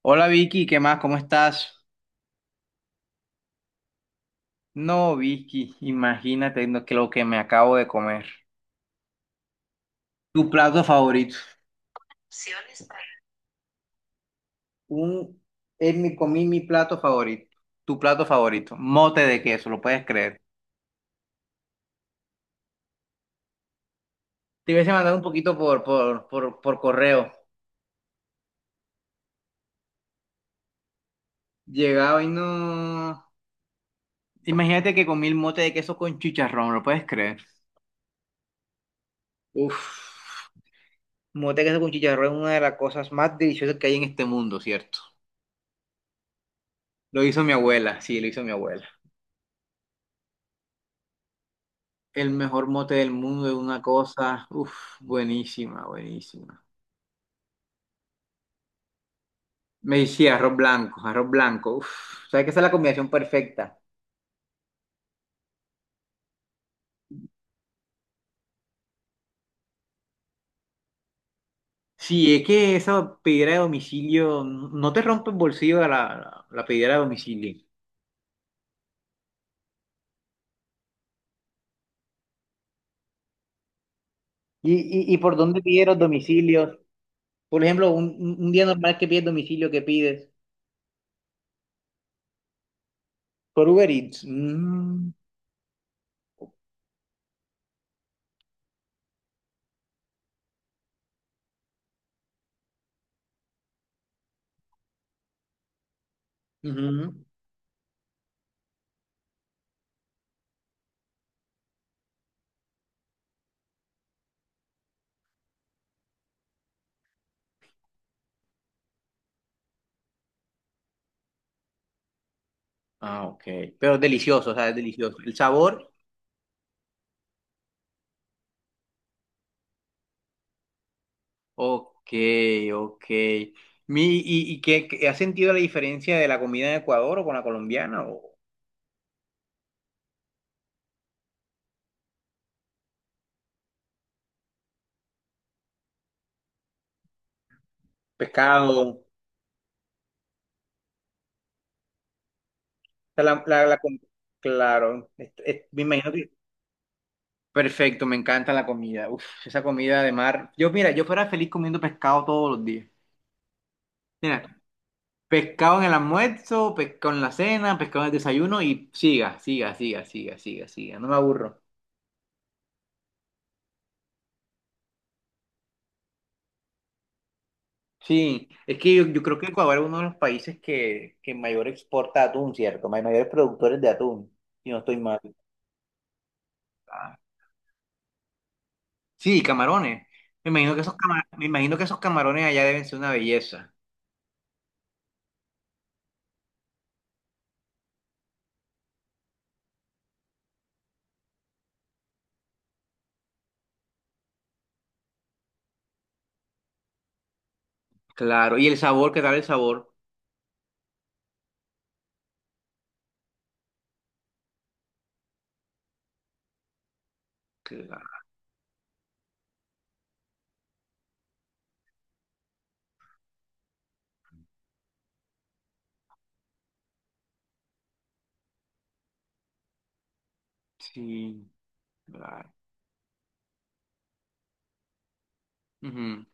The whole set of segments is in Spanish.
Hola Vicky, ¿qué más? ¿Cómo estás? No, Vicky, imagínate no, que lo que me acabo de comer. Tu plato favorito. Un, comí mi plato favorito. Tu plato favorito. Mote de queso, lo puedes creer. Te hubiese mandado un poquito por correo. Llegaba y no. Imagínate que comí el mote de queso con chicharrón, ¿lo puedes creer? Uf, mote de queso con chicharrón es una de las cosas más deliciosas que hay en este mundo, ¿cierto? Lo hizo mi abuela, sí, lo hizo mi abuela. El mejor mote del mundo es una cosa, uff, buenísima, buenísima. Me decía arroz blanco, uff, sabes que esa es la combinación perfecta. Sí, es que esa pedidera de domicilio, no te rompe el bolsillo la pedidera de domicilio. ¿Y, y por dónde pides los domicilios? Por ejemplo, un día normal que pides domicilio, ¿qué pides? Por Uber Eats. Mm, ujú. Ah, ok. Pero es delicioso, o sea, es delicioso. El sabor. Ok, ok. ¿Y, qué has sentido la diferencia de la comida en Ecuador o con la colombiana? ¿O pescado? O sea, claro, me imagino que... Perfecto, me encanta la comida. Uf, esa comida de mar. Yo, mira, yo fuera feliz comiendo pescado todos los días. Mira, pescado en el almuerzo, pescado en la cena, pescado en el desayuno y siga, siga, siga, siga, siga, siga. No me aburro. Sí, es que yo creo que Ecuador es uno de los países que mayor exporta atún, ¿cierto? Hay mayores productores de atún, si no estoy mal. Ah, sí, camarones. Me imagino que esos camarones, me imagino que esos camarones allá deben ser una belleza. Claro, y el sabor, ¿qué tal el sabor? Claro, sí, claro. Ujú.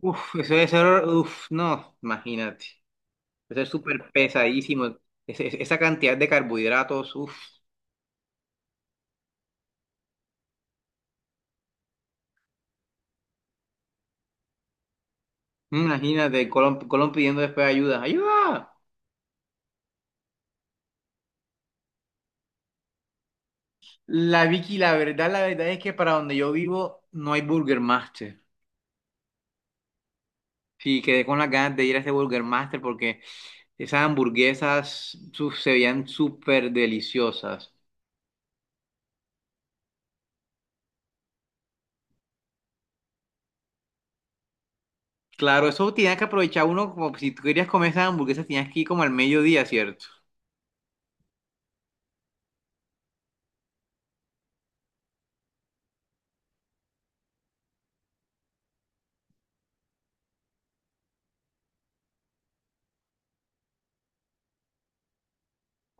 Uf, eso debe ser, uf, no, imagínate. Eso es súper pesadísimo. Esa cantidad de carbohidratos, uf, imagínate, Colón, Colón pidiendo después ayuda. ¡Ayuda! La Vicky, la verdad es que para donde yo vivo no hay Burger Master. Sí, quedé con las ganas de ir a ese Burger Master porque esas hamburguesas se veían súper deliciosas. Claro, eso tenía que aprovechar uno, como si tú querías comer esas hamburguesas, tenías que ir como al mediodía, ¿cierto?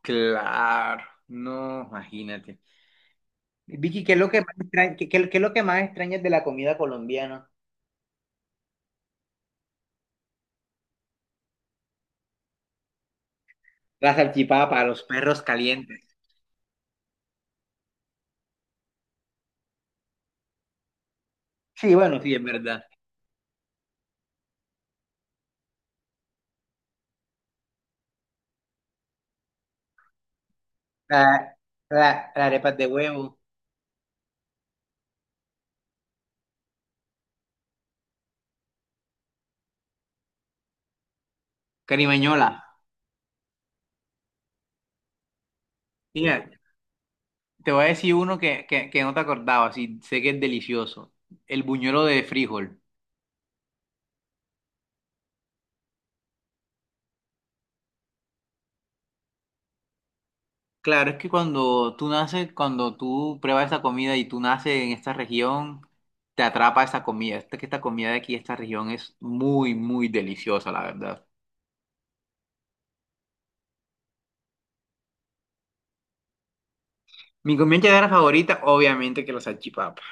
Claro, no, imagínate. Vicky, ¿qué es lo que más extraña, qué es lo que más extrañas de la comida colombiana? La salchipapa, los perros calientes. Sí, bueno, sí, es verdad. La, las arepas de huevo. Carimañola. Mira, te voy a decir uno que no te acordabas y sé que es delicioso. El buñuelo de frijol. Claro, es que cuando tú naces, cuando tú pruebas esta comida y tú naces en esta región, te atrapa esta comida. Esta, que esta comida de aquí, esta región es muy, muy deliciosa, la verdad. Mi comida llanera favorita, obviamente que la salchipapa.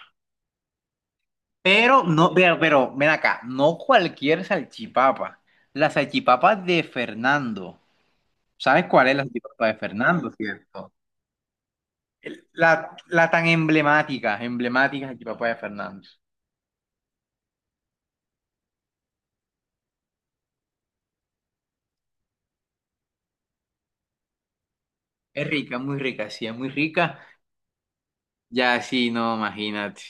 Pero no, ven acá, no cualquier salchipapa. La salchipapa de Fernando. ¿Sabes cuál es la salchipapa de Fernando, cierto? La, la tan emblemática, emblemática Jacquipapaya Fernández. Es rica, muy rica, sí, es muy rica. Ya, sí, no, imagínate.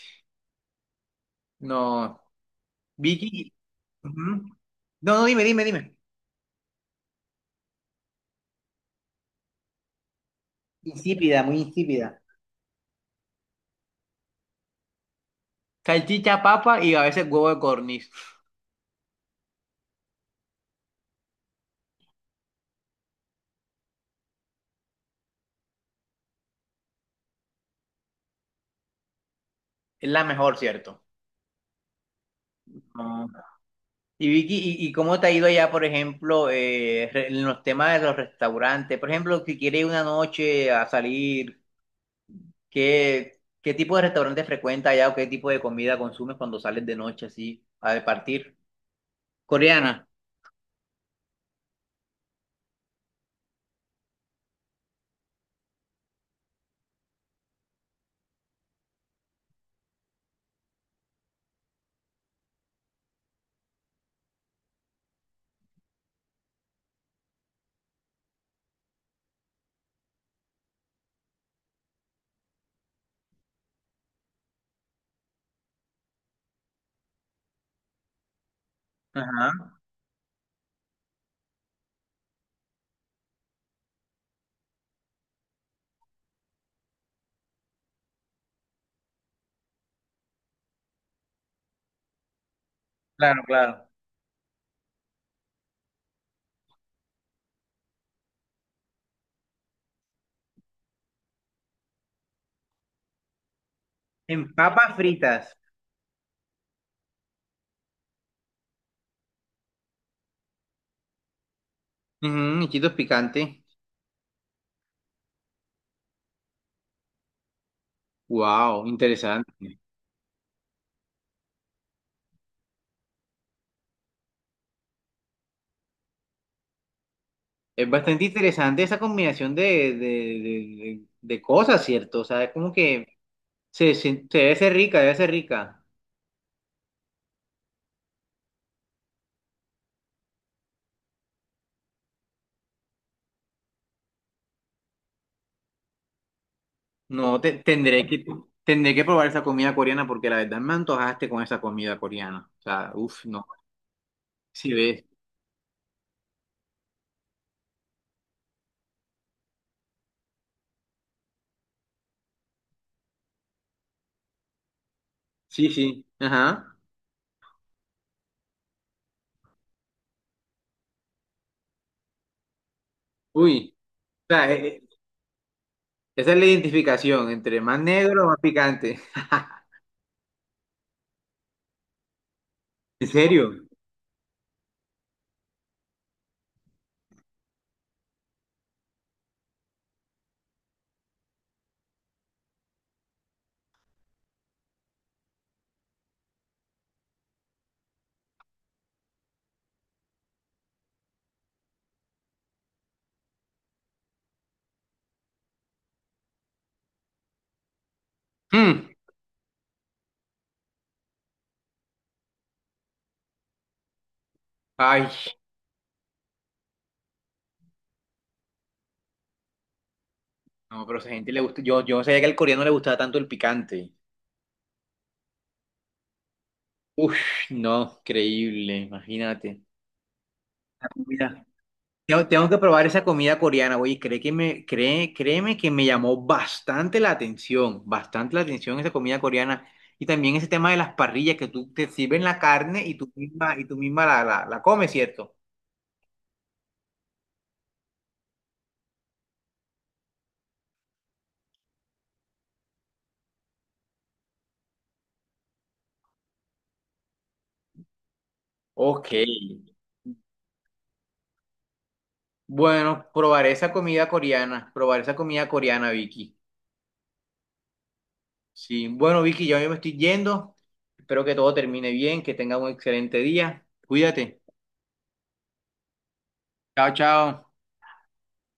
No, Vicky. Ujú. No, no, dime, dime, dime. Insípida, muy insípida. Salchicha, papa y a veces huevo de corniz. Es la mejor, ¿cierto? No. Y Vicky, ¿y cómo te ha ido allá, por ejemplo, en los temas de los restaurantes? Por ejemplo, si quieres una noche a salir. ¿Qué, qué tipo de restaurante frecuentas allá o qué tipo de comida consumes cuando sales de noche así a partir? Coreana. Ajá, claro, claro. En papas fritas. Ujú, chitos picantes. Wow, interesante. Es bastante interesante esa combinación de, de- de cosas, ¿cierto? O sea, es como que se, se debe ser rica, debe ser rica. No, tendré que probar esa comida coreana porque la verdad me antojaste con esa comida coreana. O sea, uff, no. Si ves. Sí, sí, ajá. Uy, o sea, esa es la identificación entre más negro, más picante. ¿En serio? Mm. Ay, no, pero a esa gente le gusta. Yo no sabía que al coreano le gustaba tanto el picante. Uf, no, increíble, imagínate. La comida. Tengo, tengo que probar esa comida coreana, oye, cree que me, cree, créeme que me llamó bastante la atención esa comida coreana. Y también ese tema de las parrillas, que tú te sirven la carne y tú misma la la comes, ¿cierto? Ok. Bueno, probaré esa comida coreana, probaré esa comida coreana, Vicky. Sí, bueno, Vicky, yo me estoy yendo. Espero que todo termine bien, que tenga un excelente día. Cuídate. Chao, chao.